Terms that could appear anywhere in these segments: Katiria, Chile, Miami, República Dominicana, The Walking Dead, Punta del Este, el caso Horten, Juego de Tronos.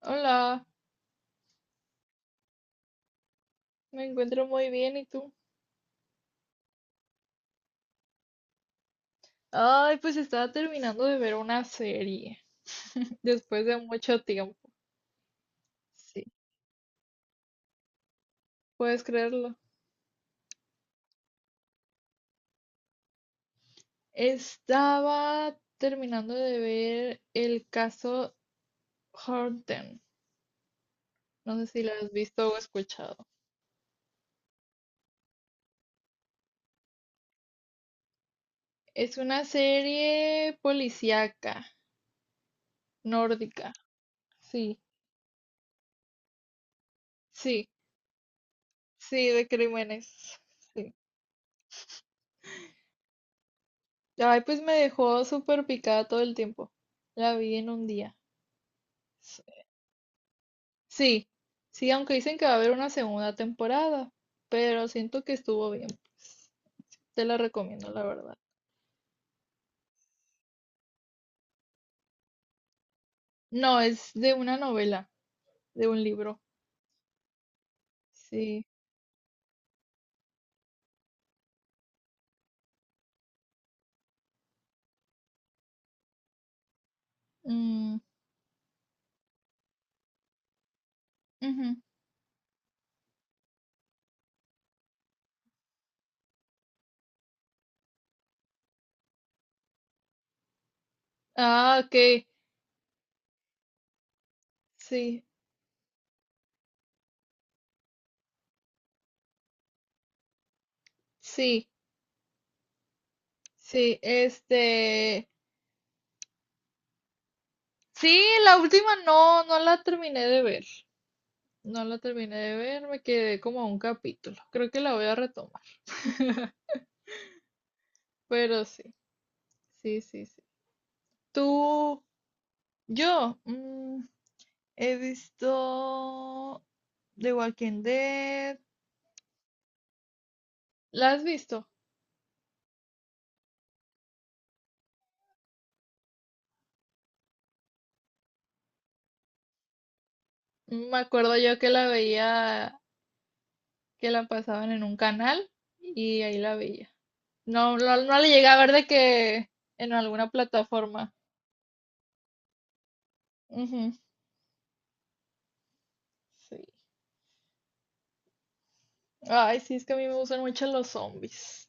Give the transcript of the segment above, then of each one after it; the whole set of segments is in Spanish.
Hola, me encuentro muy bien, ¿y tú? Ay, pues estaba terminando de ver una serie después de mucho tiempo. Sí, puedes creerlo. Estaba terminando de ver el caso Horten. No sé si la has visto o escuchado. Es una serie policíaca, nórdica. Sí, sí, sí, de crímenes. Sí. Ay, pues me dejó súper picada todo el tiempo. La vi en un día. Sí, sí, aunque dicen que va a haber una segunda temporada, pero siento que estuvo bien, pues, te la recomiendo, la verdad. No, es de una novela, de un libro, sí. Mm, ujú. Ah, ok, sí, sí, sí, sí, la última no, no la terminé de ver, no la terminé de ver, me quedé como a un capítulo, creo que la voy a retomar, pero sí, sí, sí, sí. Tú, yo, he visto The Walking Dead. ¿La has visto? Me acuerdo yo que la veía, que la pasaban en un canal y ahí la veía. No, no, no le llegué a ver de que en alguna plataforma. Ujú, sí. Ay, sí, es que a mí me gustan mucho los zombies.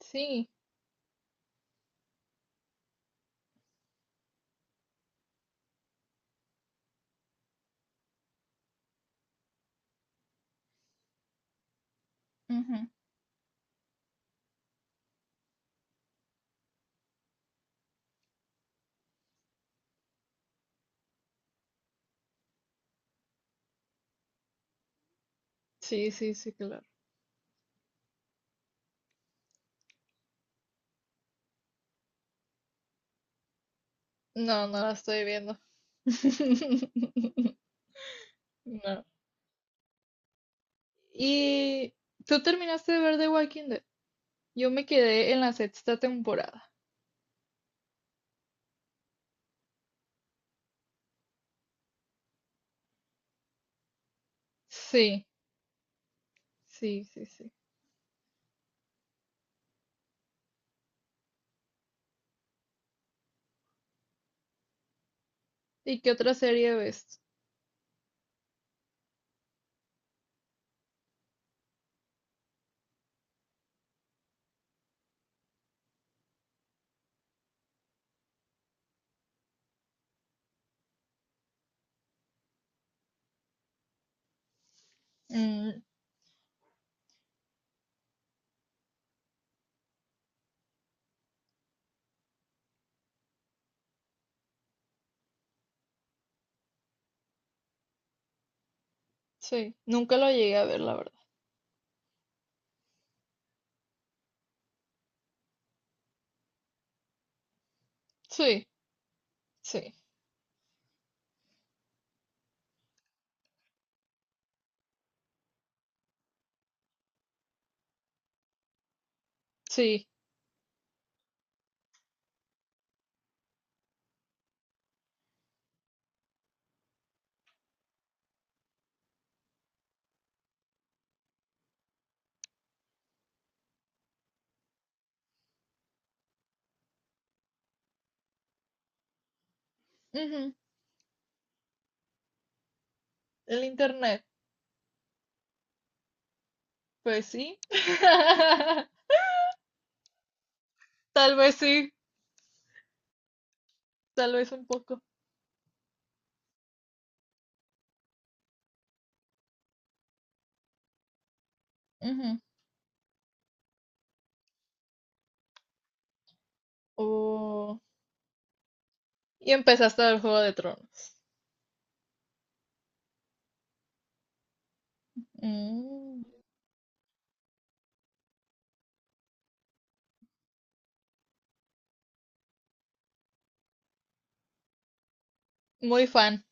Sí. Ujú. Sí, sí, sí, claro. No, no la estoy viendo. No. ¿Y tú terminaste de ver The Walking Dead? Yo me quedé en la sexta temporada. Sí, sí, sí, sí. ¿Y qué otra serie ves? Mm, sí, nunca lo llegué a ver, la verdad. Sí, sí, sí. Ujú, el internet, pues sí. Tal vez sí, tal vez un poco. Ujú. Oh, y empezaste a ver Juego de Tronos. Mm, muy fan.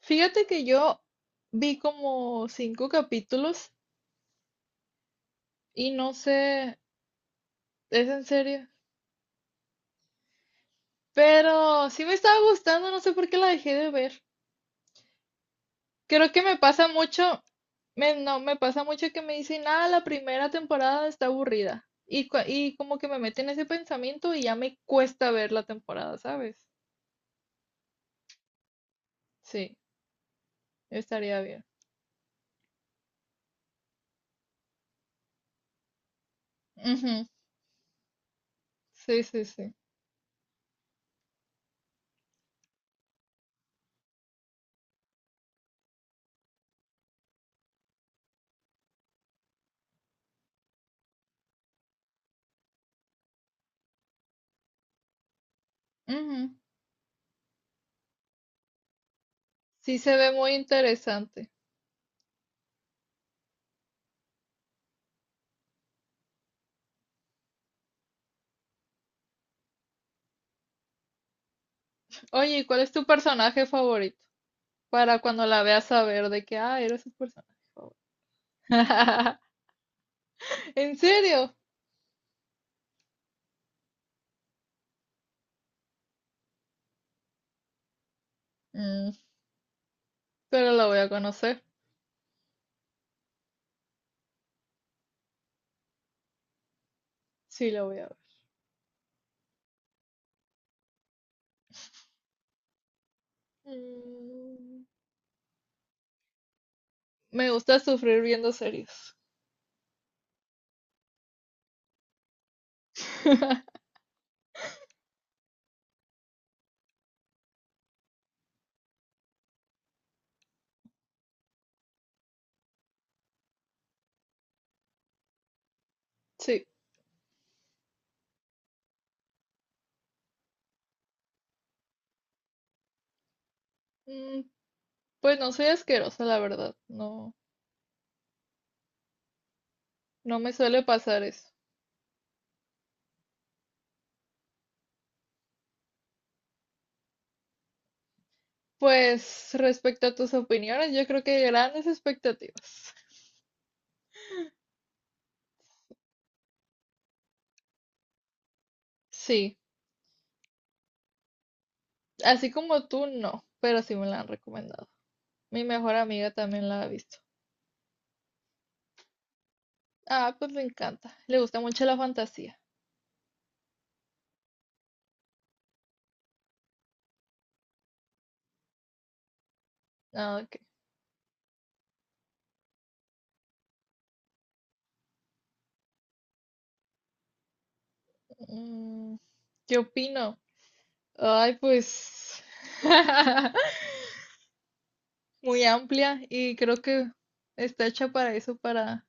Fíjate que yo vi como cinco capítulos y no sé, ¿es en serio? Pero sí me estaba gustando, no sé por qué la dejé de ver. Creo que me pasa mucho, me, no, me pasa mucho que me dicen, ah, la primera temporada está aburrida. Y, y como que me meten ese pensamiento y ya me cuesta ver la temporada, ¿sabes? Sí, estaría bien. Ujú, sí, sí, sí. Ujú, sí se ve muy interesante. Oye, ¿y cuál es tu personaje favorito? Para cuando la veas saber de que, ah, eres un personaje favorito. ¿En serio? Mm, pero la voy a conocer. Sí, la voy a ver. Mm, me gusta sufrir viendo series. Sí. Mm, pues no soy asquerosa, la verdad. No, no me suele pasar eso. Pues respecto a tus opiniones, yo creo que grandes expectativas. Sí, así como tú, no, pero sí me la han recomendado. Mi mejor amiga también la ha visto. Ah, pues le encanta. Le gusta mucho la fantasía. Ah, ok. Mm, ¿qué opino? Ay, pues... muy amplia y creo que está hecha para eso,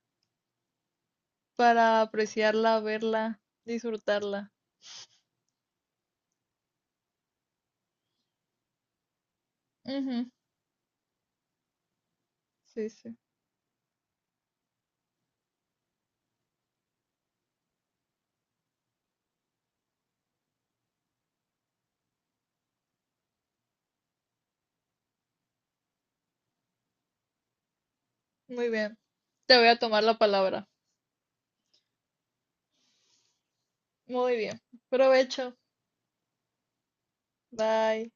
para apreciarla, verla, disfrutarla. Ujú, sí, sí. Muy bien. Te voy a tomar la palabra. Muy bien. Provecho. Bye.